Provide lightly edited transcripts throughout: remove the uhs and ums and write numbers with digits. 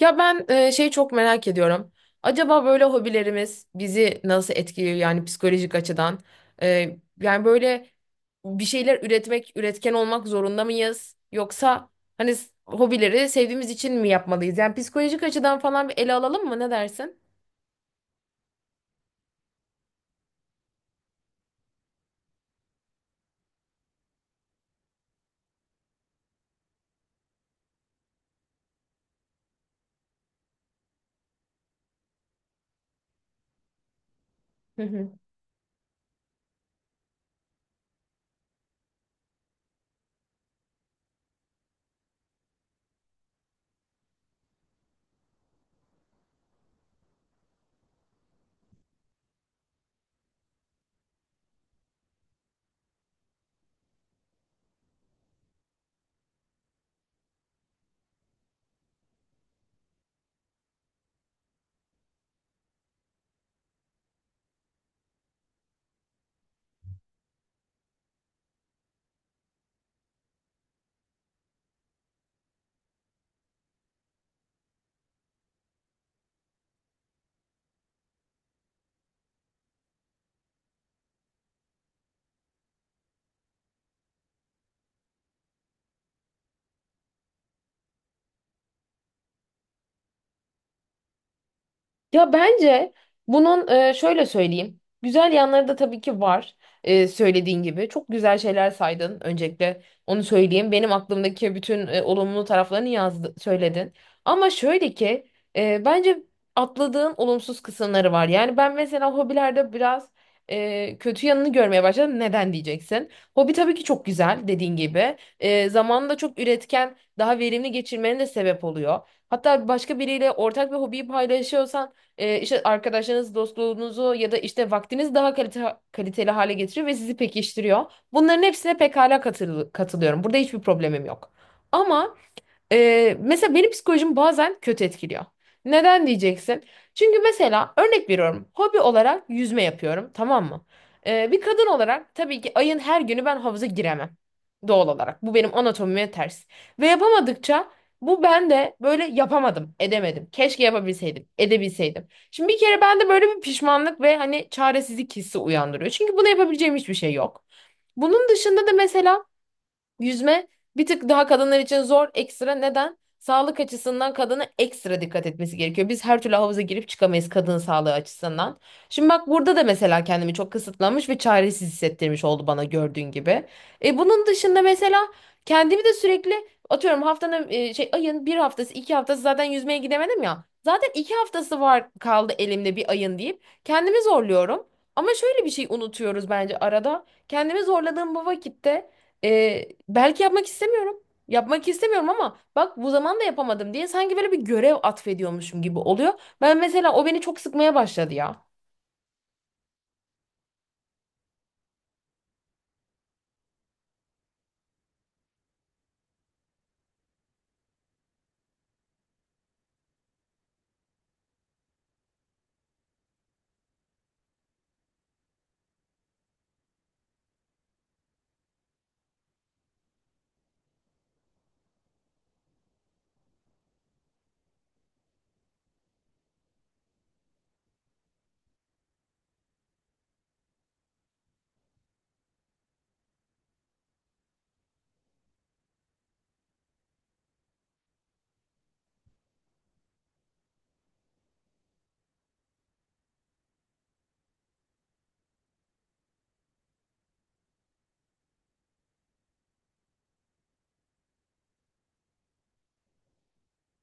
Ya ben şey çok merak ediyorum. Acaba böyle hobilerimiz bizi nasıl etkiliyor, yani psikolojik açıdan? Yani böyle bir şeyler üretmek, üretken olmak zorunda mıyız? Yoksa hobileri sevdiğimiz için mi yapmalıyız? Yani psikolojik açıdan falan bir ele alalım mı? Ne dersin? Ya bence şöyle söyleyeyim. Güzel yanları da tabii ki var, e, söylediğin gibi. Çok güzel şeyler saydın. Öncelikle onu söyleyeyim. Benim aklımdaki bütün olumlu taraflarını yazdı, söyledin. Ama şöyle ki, bence atladığın olumsuz kısımları var. Yani ben mesela hobilerde biraz kötü yanını görmeye başladım. Neden diyeceksin? Hobi tabii ki çok güzel, dediğin gibi. Zamanını da çok üretken, daha verimli geçirmenin de sebep oluyor. Hatta başka biriyle ortak bir hobiyi paylaşıyorsan, işte arkadaşlarınız, dostluğunuzu ya da işte vaktiniz daha kaliteli hale getiriyor ve sizi pekiştiriyor. Bunların hepsine pekala katılıyorum. Burada hiçbir problemim yok. Ama mesela benim psikolojim bazen kötü etkiliyor. Neden diyeceksin? Çünkü mesela örnek veriyorum. Hobi olarak yüzme yapıyorum, tamam mı? Bir kadın olarak tabii ki ayın her günü ben havuza giremem. Doğal olarak. Bu benim anatomime ters. Ve yapamadıkça bu bende böyle yapamadım, edemedim. Keşke yapabilseydim, edebilseydim. Şimdi bir kere bende böyle bir pişmanlık ve hani çaresizlik hissi uyandırıyor. Çünkü bunu yapabileceğim hiçbir şey yok. Bunun dışında da mesela yüzme bir tık daha kadınlar için zor, ekstra. Neden? Sağlık açısından kadına ekstra dikkat etmesi gerekiyor. Biz her türlü havuza girip çıkamayız, kadın sağlığı açısından. Şimdi bak, burada da mesela kendimi çok kısıtlamış ve çaresiz hissettirmiş oldu bana, gördüğün gibi. E, bunun dışında mesela kendimi de sürekli atıyorum, haftanın ayın bir haftası iki haftası zaten yüzmeye gidemedim ya. Zaten iki haftası var kaldı elimde bir ayın deyip kendimi zorluyorum. Ama şöyle bir şey unutuyoruz bence arada. Kendimi zorladığım bu vakitte belki yapmak istemiyorum. Yapmak istemiyorum ama bak, bu zaman da yapamadım diye sanki böyle bir görev atfediyormuşum gibi oluyor. Ben mesela o beni çok sıkmaya başladı ya.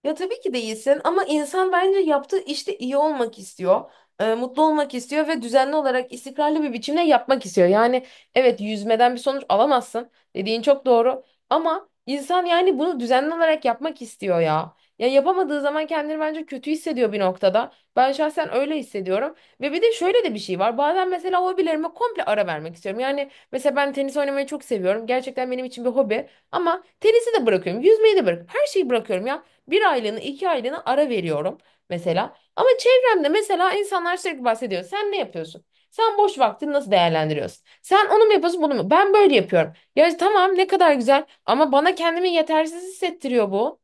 Ya tabii ki değilsin ama insan bence yaptığı işte iyi olmak istiyor, mutlu olmak istiyor ve düzenli olarak istikrarlı bir biçimde yapmak istiyor. Yani evet, yüzmeden bir sonuç alamazsın dediğin çok doğru ama insan yani bunu düzenli olarak yapmak istiyor ya. Ya yapamadığı zaman kendini bence kötü hissediyor bir noktada. Ben şahsen öyle hissediyorum ve bir de şöyle de bir şey var. Bazen mesela hobilerime komple ara vermek istiyorum. Yani mesela ben tenis oynamayı çok seviyorum. Gerçekten benim için bir hobi ama tenisi de bırakıyorum, yüzmeyi de bırakıyorum, her şeyi bırakıyorum ya. Bir aylığını iki aylığını ara veriyorum mesela. Ama çevremde mesela insanlar sürekli bahsediyor. Sen ne yapıyorsun? Sen boş vaktini nasıl değerlendiriyorsun? Sen onu mu yapıyorsun bunu mu? Ben böyle yapıyorum. Ya tamam, ne kadar güzel ama bana kendimi yetersiz hissettiriyor bu.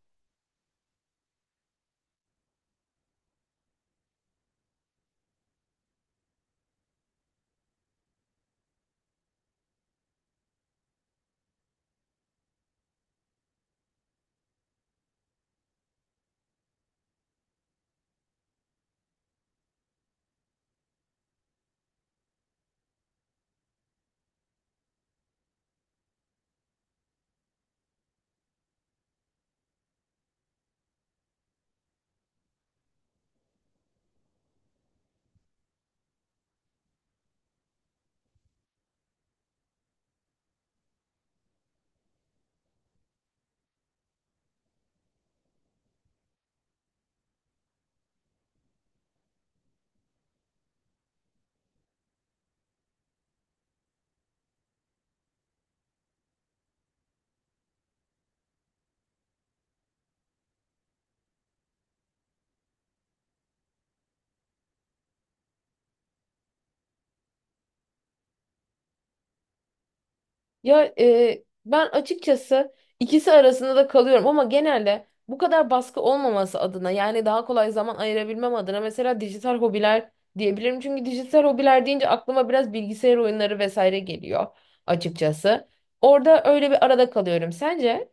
Ya ben açıkçası ikisi arasında da kalıyorum ama genelde bu kadar baskı olmaması adına, yani daha kolay zaman ayırabilmem adına mesela dijital hobiler diyebilirim. Çünkü dijital hobiler deyince aklıma biraz bilgisayar oyunları vesaire geliyor açıkçası. Orada öyle bir arada kalıyorum. Sence?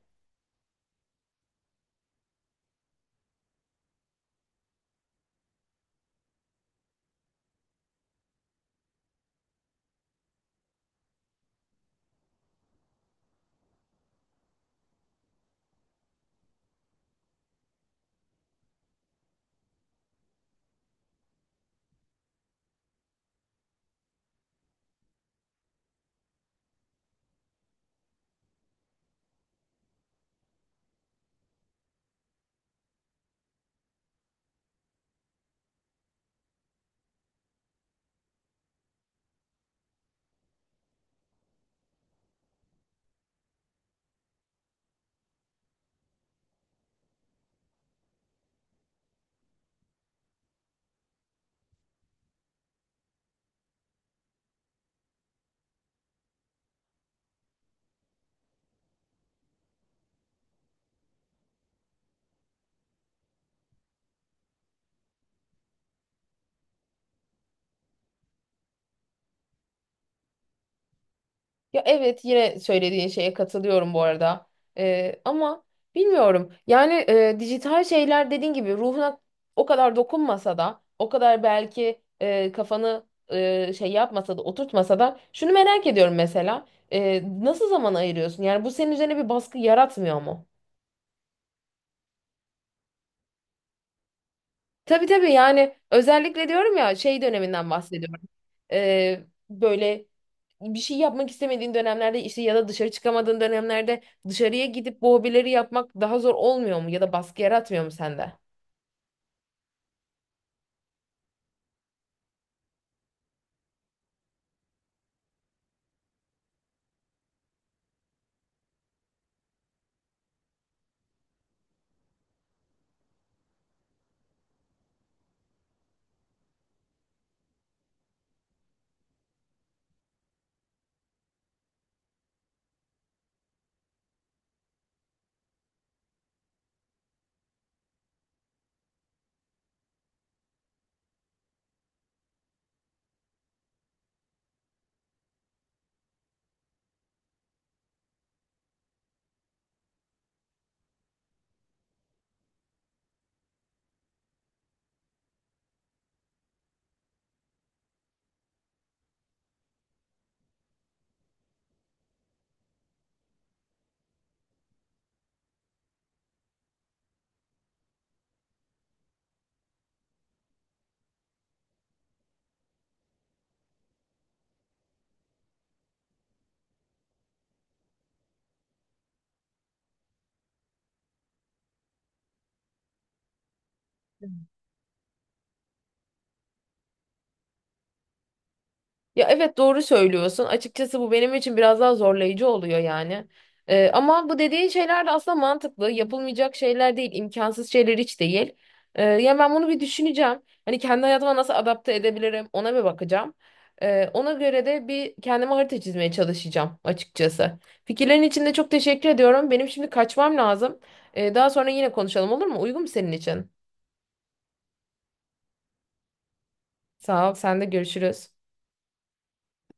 Ya evet, yine söylediğin şeye katılıyorum bu arada. Ama bilmiyorum. Yani dijital şeyler dediğin gibi ruhuna o kadar dokunmasa da, o kadar belki kafanı yapmasa da oturtmasa da şunu merak ediyorum mesela. Nasıl zaman ayırıyorsun? Yani bu senin üzerine bir baskı yaratmıyor mu? Tabii tabii, yani özellikle diyorum ya, şey döneminden bahsediyorum. Böyle bir şey yapmak istemediğin dönemlerde işte, ya da dışarı çıkamadığın dönemlerde dışarıya gidip bu hobileri yapmak daha zor olmuyor mu ya da baskı yaratmıyor mu sende? Ya evet, doğru söylüyorsun. Açıkçası bu benim için biraz daha zorlayıcı oluyor yani. Ama bu dediğin şeyler de aslında mantıklı. Yapılmayacak şeyler değil, imkansız şeyler hiç değil. Ya ben bunu bir düşüneceğim. Hani kendi hayatıma nasıl adapte edebilirim, ona bir bakacağım. Ona göre de bir kendime harita çizmeye çalışacağım açıkçası. Fikirlerin için de çok teşekkür ediyorum. Benim şimdi kaçmam lazım. Daha sonra yine konuşalım, olur mu? Uygun mu senin için? Sağ ol, sen de, görüşürüz.